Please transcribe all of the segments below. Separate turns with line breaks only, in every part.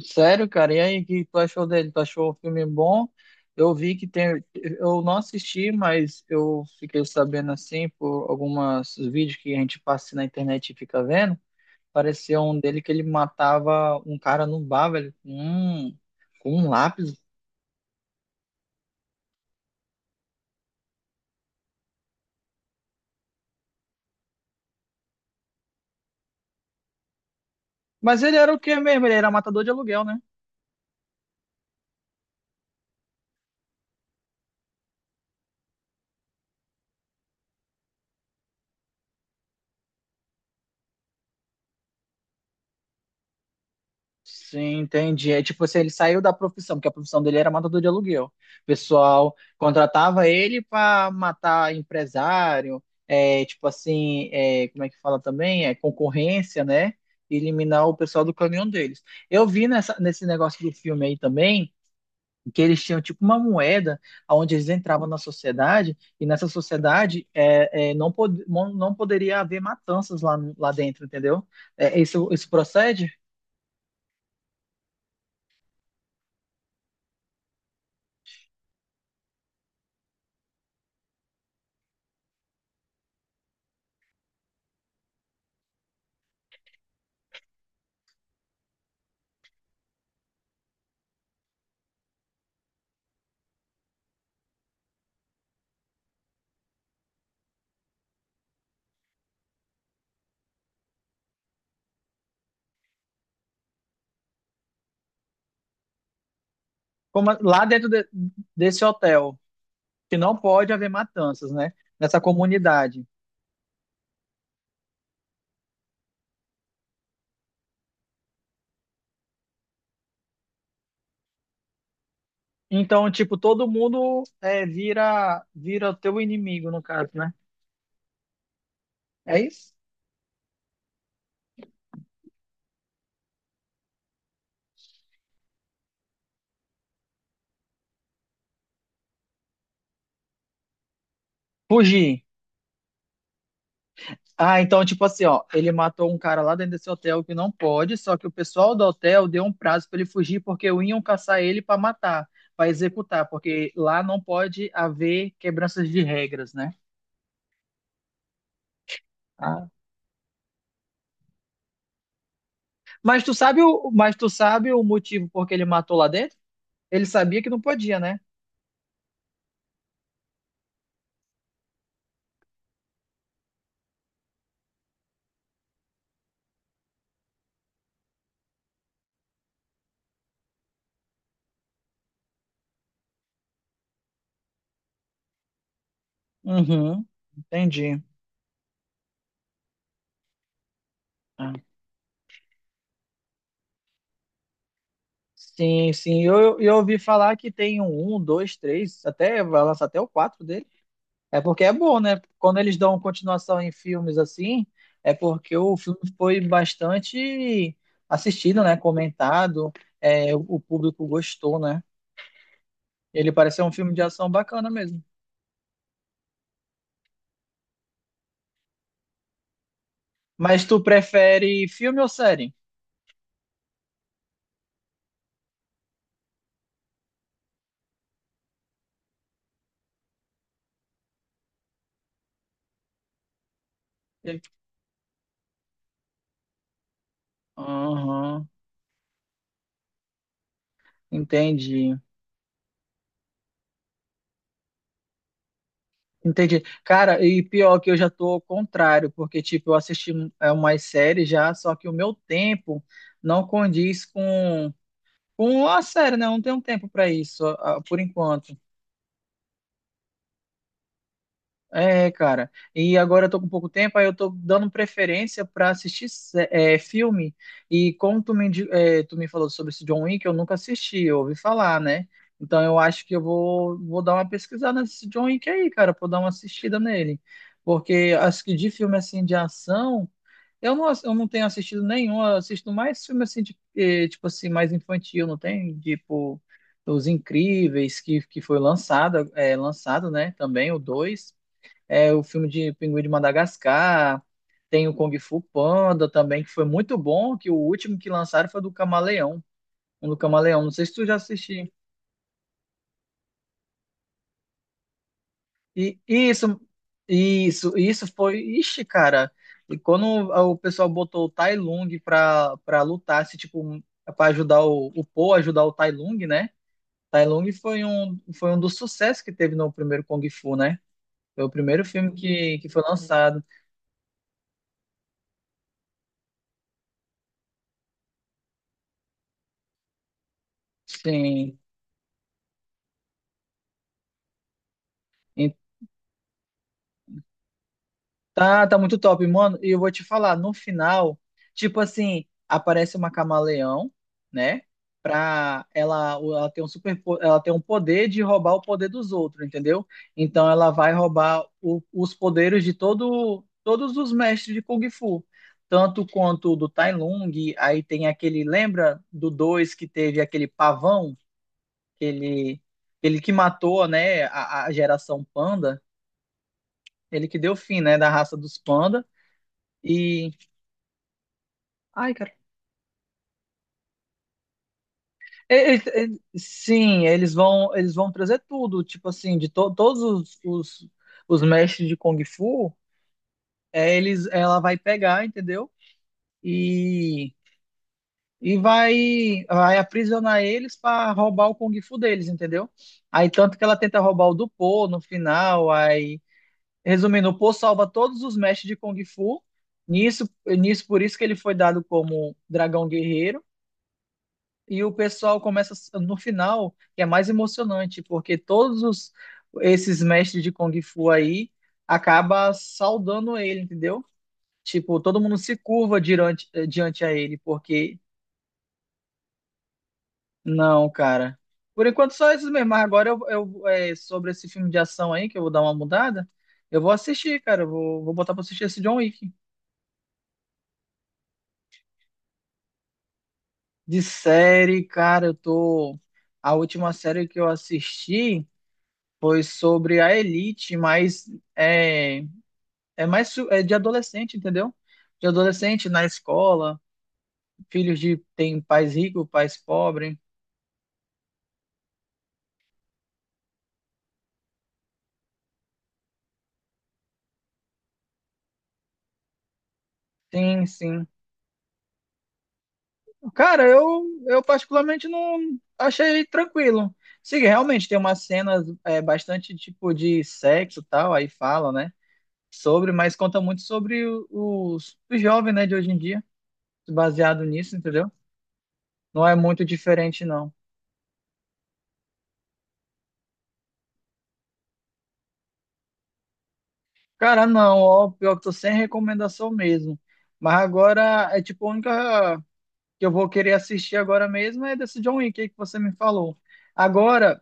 Sério, cara, e aí, o que tu achou dele? Tu achou o filme bom? Eu vi que tem. Eu não assisti, mas eu fiquei sabendo assim por alguns vídeos que a gente passa assim na internet e fica vendo. Pareceu um dele que ele matava um cara num bar, velho, com um lápis. Mas ele era o quê mesmo? Ele era matador de aluguel, né? Sim, entendi. É tipo assim, ele saiu da profissão, porque a profissão dele era matador de aluguel. O pessoal contratava ele para matar empresário, tipo assim, como é que fala também? É, concorrência, né? E eliminar o pessoal do caminhão deles. Eu vi nesse negócio do filme aí também que eles tinham tipo uma moeda onde eles entravam na sociedade e nessa sociedade não, pod não poderia haver matanças lá dentro, entendeu? É, isso procede? Como lá desse hotel, que não pode haver matanças, né? Nessa comunidade. Então, tipo, todo mundo vira o teu inimigo, no caso, né? É isso? Fugir. Ah, então, tipo assim, ó, ele matou um cara lá dentro desse hotel que não pode, só que o pessoal do hotel deu um prazo pra ele fugir porque iam caçar ele pra matar, pra executar, porque lá não pode haver quebranças de regras, né? Ah. Mas tu sabe o motivo por que ele matou lá dentro? Ele sabia que não podia, né? Uhum. Entendi. Ah, sim, sim. Eu ouvi falar que tem um, dois, três, até vai lançar até o quatro dele. É porque é bom, né? Quando eles dão continuação em filmes assim, é porque o filme foi bastante assistido, né? Comentado, é, o público gostou, né? Ele parece ser um filme de ação bacana mesmo. Mas tu prefere filme ou série? Aham, entendi. Entendi. Cara, e pior que eu já tô ao contrário, porque, tipo, eu assisti umas séries já, só que o meu tempo não condiz com a série, né? Eu não tenho tempo para isso, ah, por enquanto. É, cara. E agora eu tô com pouco tempo, aí eu tô dando preferência pra assistir filme. E como tu tu me falou sobre esse John Wick, eu nunca assisti, eu ouvi falar, né? Então eu acho que vou dar uma pesquisada nesse John Wick aí, cara, pra eu dar uma assistida nele. Porque acho que de filme assim de ação, eu não tenho assistido nenhum, eu assisto mais filme assim, de, tipo assim, mais infantil, não tem? Tipo, Os Incríveis, que foi lançado, lançado, né? Também o 2 é, o filme de Pinguim de Madagascar, tem o Kung Fu Panda também, que foi muito bom, que o último que lançaram foi do Camaleão, um do Camaleão, não sei se tu já assistiu. E isso, isso foi, ixi, cara, e quando o pessoal botou o Tai Lung pra lutar, se, tipo, pra ajudar o Po, ajudar o Tai Lung, né? Tai Lung foi um dos sucessos que teve no primeiro Kung Fu, né? Foi o primeiro filme que foi lançado. Sim. Tá muito top, mano. E eu vou te falar, no final, tipo assim, aparece uma camaleão, né? Pra ela, ela tem ela tem um poder de roubar o poder dos outros, entendeu? Então ela vai roubar os poderes de todo, todos os mestres de Kung Fu, tanto quanto do Tai Lung. Aí tem aquele, lembra do dois que teve aquele pavão, aquele, ele que matou, né, a geração panda, ele que deu fim, né, da raça dos panda. E ai, cara. E- e- sim, eles vão trazer tudo, tipo assim, todos os mestres de Kung Fu, é, eles, ela vai pegar, entendeu? E, vai aprisionar eles para roubar o Kung Fu deles, entendeu? Aí tanto que ela tenta roubar o do Po no final, aí, resumindo, o Po salva todos os mestres de Kung Fu. Por isso que ele foi dado como dragão guerreiro. E o pessoal começa no final, que é mais emocionante, porque esses mestres de Kung Fu aí acaba saudando ele, entendeu? Tipo, todo mundo se curva diante, diante a ele, porque não, cara. Por enquanto só esses mesmo, mas agora sobre esse filme de ação aí, que eu vou dar uma mudada, eu vou assistir, cara, vou botar pra assistir esse John Wick. De série, cara, eu tô... A última série que eu assisti... foi sobre a elite, mas é, é de adolescente, entendeu? De adolescente na escola, filhos de tem pais ricos, pais pobres. Sim, sim. Cara, eu particularmente não achei tranquilo. Sim, realmente tem umas cenas é, bastante tipo de sexo e tal, aí fala, né? Sobre, mas conta muito sobre os jovens, né, de hoje em dia, baseado nisso, entendeu? Não é muito diferente, não. Cara, não, ó, pior que tô sem recomendação mesmo. Mas agora é tipo a única que eu vou querer assistir agora mesmo é desse John Wick aí que você me falou. Agora,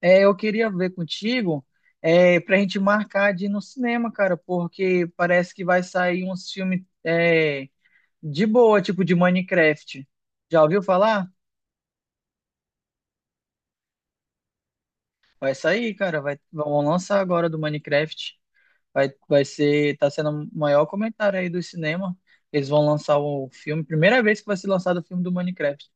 é, eu queria ver contigo é, pra gente marcar de ir no cinema, cara, porque parece que vai sair uns filmes é, de boa, tipo de Minecraft. Já ouviu falar? Vai sair, cara, vão lançar agora do Minecraft. Vai ser, tá sendo o maior comentário aí do cinema. Eles vão lançar o filme, primeira vez que vai ser lançado o filme do Minecraft.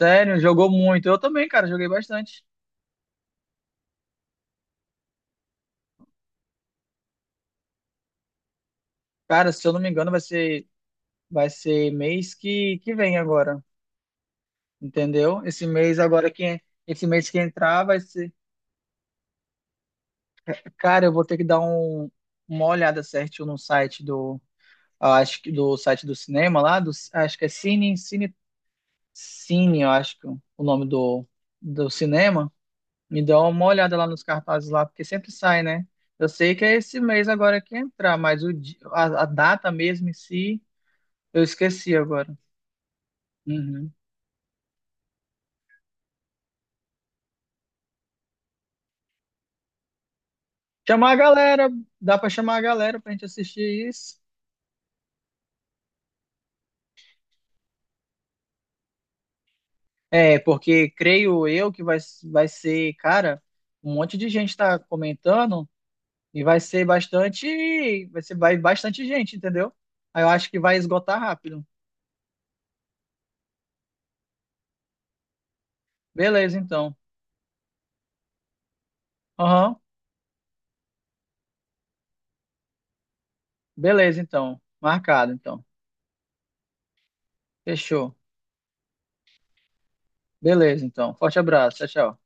Sério, jogou muito. Eu também, cara, joguei bastante. Cara, se eu não me engano, vai ser mês que vem agora, entendeu? Esse mês que entrar vai ser. Cara, eu vou ter que dar uma olhada certinho no site do, acho que do site do cinema lá, do, acho que é Cine, eu acho que é o nome do, do cinema. Me dá uma olhada lá nos cartazes lá, porque sempre sai, né? Eu sei que é esse mês agora que entrar, mas a data mesmo em si, eu esqueci agora. Uhum. Chamar a galera, dá pra chamar a galera pra gente assistir isso. É, porque creio eu vai ser, cara, um monte de gente tá comentando e vai ser bastante, bastante gente, entendeu? Aí eu acho que vai esgotar rápido. Beleza, então. Aham, beleza, então. Marcado, então. Fechou. Beleza, então. Forte abraço. Tchau, tchau.